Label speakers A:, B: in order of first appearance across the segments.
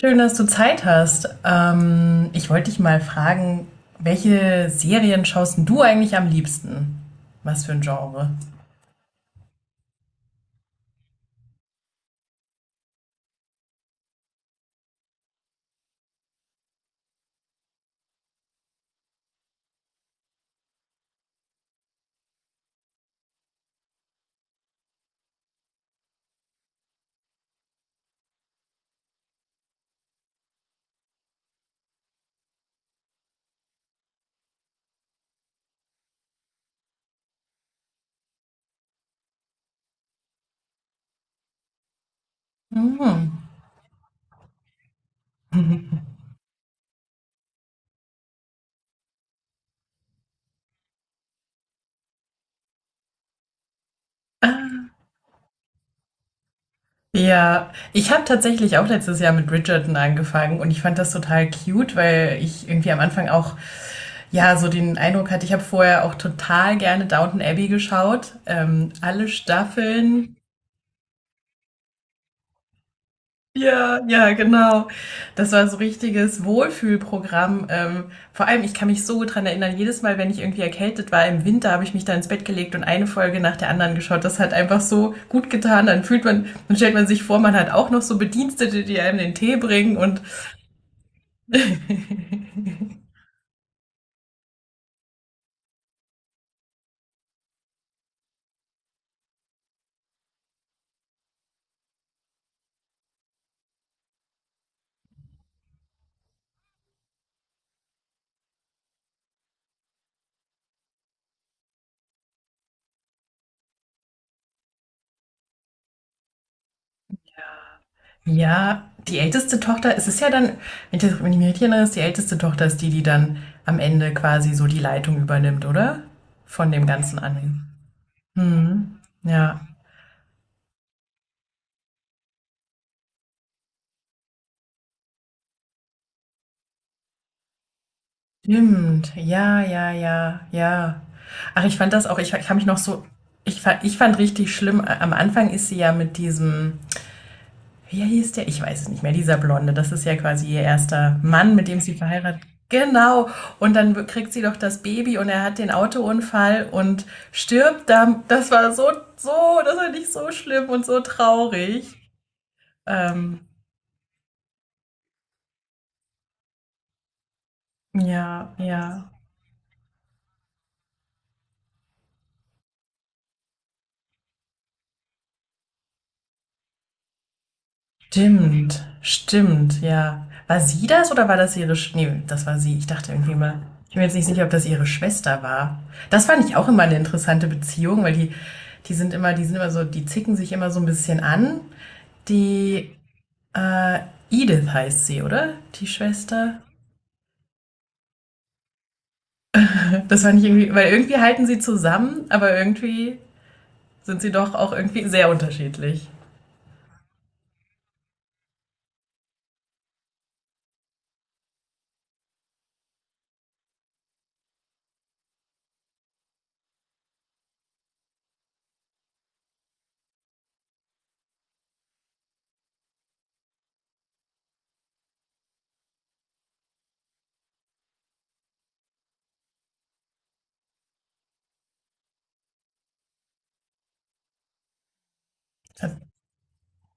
A: Schön, dass du Zeit hast. Ich wollte dich mal fragen, welche Serien schaust denn du eigentlich am liebsten? Was für ein Genre? Mhm. Ja, ich habe tatsächlich auch letztes Jahr mit Bridgerton angefangen und ich fand das total cute, weil ich irgendwie am Anfang auch ja so den Eindruck hatte, ich habe vorher auch total gerne Downton Abbey geschaut, alle Staffeln. Ja, ja, genau. Das war so richtiges Wohlfühlprogramm. Vor allem, ich kann mich so gut dran erinnern, jedes Mal, wenn ich irgendwie erkältet war im Winter, habe ich mich da ins Bett gelegt und eine Folge nach der anderen geschaut. Das hat einfach so gut getan. Dann fühlt man, dann stellt man sich vor, man hat auch noch so Bedienstete, die einem den Tee bringen. Und ja, die älteste Tochter, es ist ja dann, wenn ich mich richtig erinnere, ist die älteste Tochter ist die, die dann am Ende quasi so die Leitung übernimmt, oder? Von dem ganzen Anhang. Ja. Stimmt, ja, ja, ja, ja. Ach, ich fand das auch, ich habe mich noch so, ich fand richtig schlimm, am Anfang ist sie ja mit diesem, wie hieß der? Ich weiß es nicht mehr, dieser Blonde, das ist ja quasi ihr erster Mann, mit dem sie verheiratet. Genau, und dann kriegt sie doch das Baby und er hat den Autounfall und stirbt da. Das war so, so, das war nicht so schlimm und so traurig. Ähm, ja, ja. Stimmt, stimmt, ja. War sie das oder war das ihre Sch Nee, das war sie. Ich dachte irgendwie mal, ich bin mir jetzt nicht sicher, ob das ihre Schwester war. Das fand ich auch immer eine interessante Beziehung, weil die, die sind immer so, die zicken sich immer so ein bisschen an. Die, äh, Edith heißt sie, oder? Die Schwester. Das fand ich irgendwie, weil irgendwie halten sie zusammen, aber irgendwie sind sie doch auch irgendwie sehr unterschiedlich.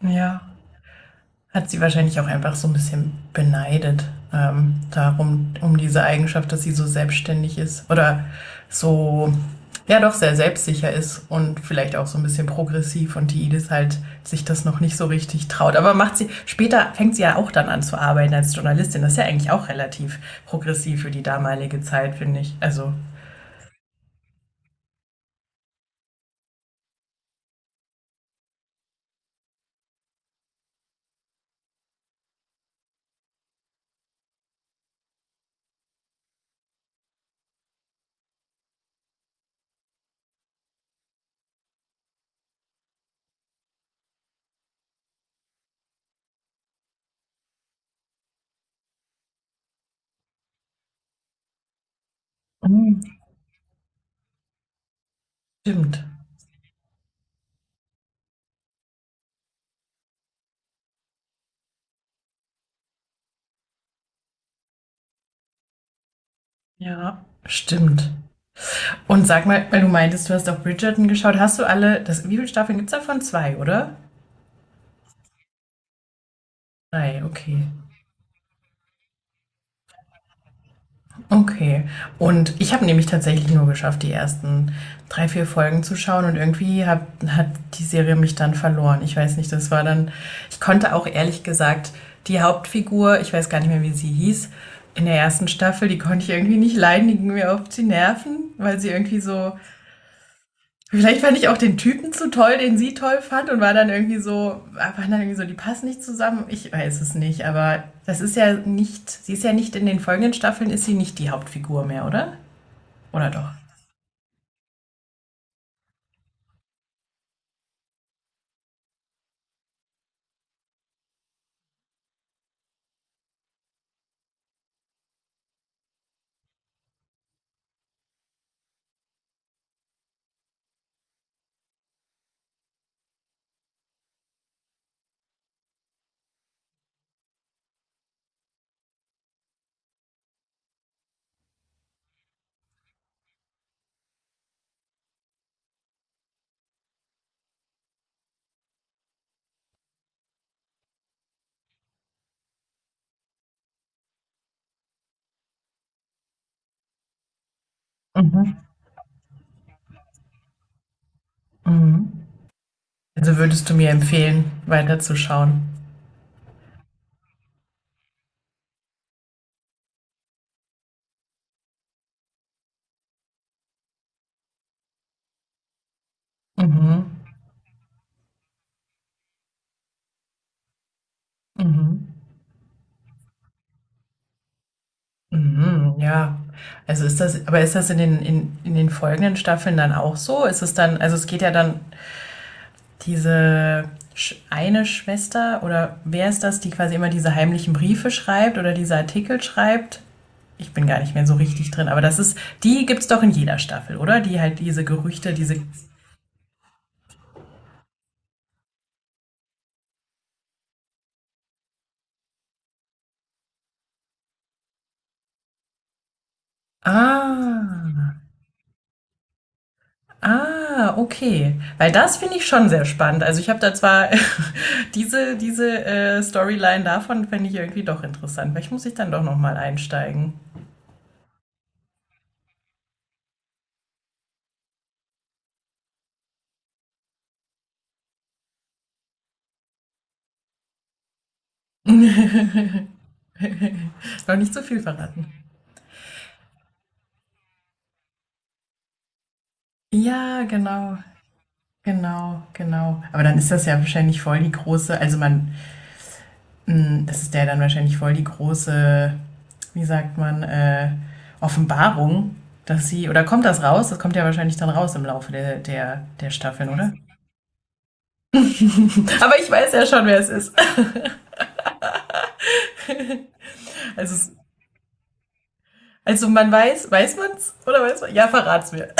A: Ja. Hat sie wahrscheinlich auch einfach so ein bisschen beneidet, darum, um diese Eigenschaft, dass sie so selbstständig ist oder so, ja doch, sehr selbstsicher ist und vielleicht auch so ein bisschen progressiv und die Edith halt sich das noch nicht so richtig traut. Aber macht sie, später fängt sie ja auch dann an zu arbeiten als Journalistin. Das ist ja eigentlich auch relativ progressiv für die damalige Zeit, finde ich. Also, mhm. Stimmt. Ja, stimmt. Und sag mal, weil du meintest, du hast auf Bridgerton geschaut, hast du alle, das, wie viele Staffeln gibt es davon? Zwei, oder? 3, okay. Okay. Und ich habe nämlich tatsächlich nur geschafft, die ersten 3, 4 Folgen zu schauen und irgendwie hat die Serie mich dann verloren. Ich weiß nicht, das war dann, ich konnte auch ehrlich gesagt die Hauptfigur, ich weiß gar nicht mehr, wie sie hieß, in der ersten Staffel, die konnte ich irgendwie nicht leiden, die ging mir auf die Nerven, weil sie irgendwie so, vielleicht fand ich auch den Typen zu toll, den sie toll fand und war dann irgendwie so, waren dann irgendwie so, die passen nicht zusammen. Ich weiß es nicht, aber das ist ja nicht, sie ist ja nicht in den folgenden Staffeln, ist sie nicht die Hauptfigur mehr, oder? Oder doch? Mhm. Mhm. Also würdest du mir empfehlen, weiterzuschauen? Mhm. Mhm. Mhm. Ja. Also ist das, aber ist das in den, in den folgenden Staffeln dann auch so? Ist es dann, also es geht ja dann diese eine Schwester oder wer ist das, die quasi immer diese heimlichen Briefe schreibt oder diese Artikel schreibt? Ich bin gar nicht mehr so richtig drin, aber das ist, die gibt's doch in jeder Staffel, oder? Die halt diese Gerüchte, diese. Ah, ah, okay. Weil das finde ich schon sehr spannend. Also ich habe da zwar diese Storyline davon fände ich irgendwie doch interessant. Vielleicht muss ich dann doch noch mal einsteigen. Noch nicht zu viel verraten. Ja, genau. Genau, genau. Aber dann ist das ja wahrscheinlich voll die große, also man, mh, das ist ja dann wahrscheinlich voll die große, wie sagt man, Offenbarung, dass sie, oder kommt das raus? Das kommt ja wahrscheinlich dann raus im Laufe der Staffeln, oder? Aber ich weiß ja schon, wer es ist. Also, es- also man weiß, weiß man's? Oder weiß man? Ja, verrat's mir.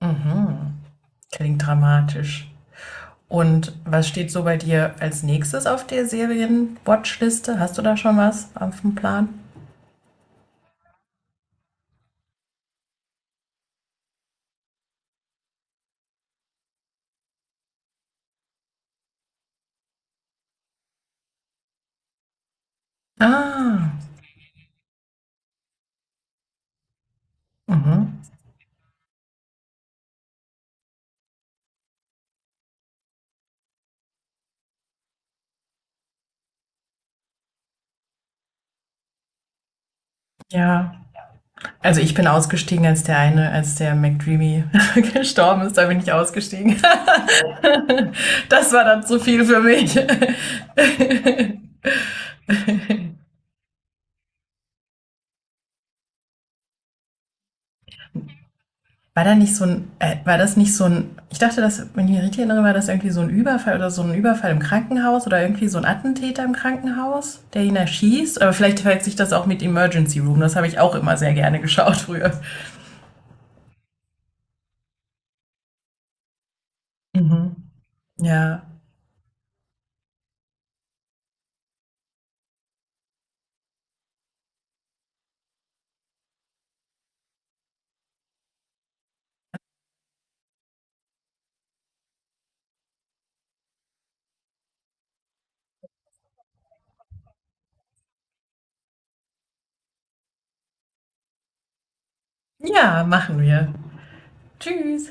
A: Mhm. Klingt dramatisch. Und was steht so bei dir als nächstes auf der Serien-Watchliste? Hast du da schon was auf dem Plan? Ah. Mhm. Ja, also ich bin ausgestiegen, als der eine, als der McDreamy gestorben ist, da bin ich ausgestiegen. Das war dann zu viel für mich. War da nicht so ein, war das nicht so ein, ich dachte, dass, wenn ich mich richtig erinnere, war das irgendwie so ein Überfall oder so ein Überfall im Krankenhaus oder irgendwie so ein Attentäter im Krankenhaus, der ihn erschießt. Aber vielleicht verwechselt sich das auch mit Emergency Room. Das habe ich auch immer sehr gerne geschaut früher. Mhm. Ja. Ja, machen wir. Tschüss.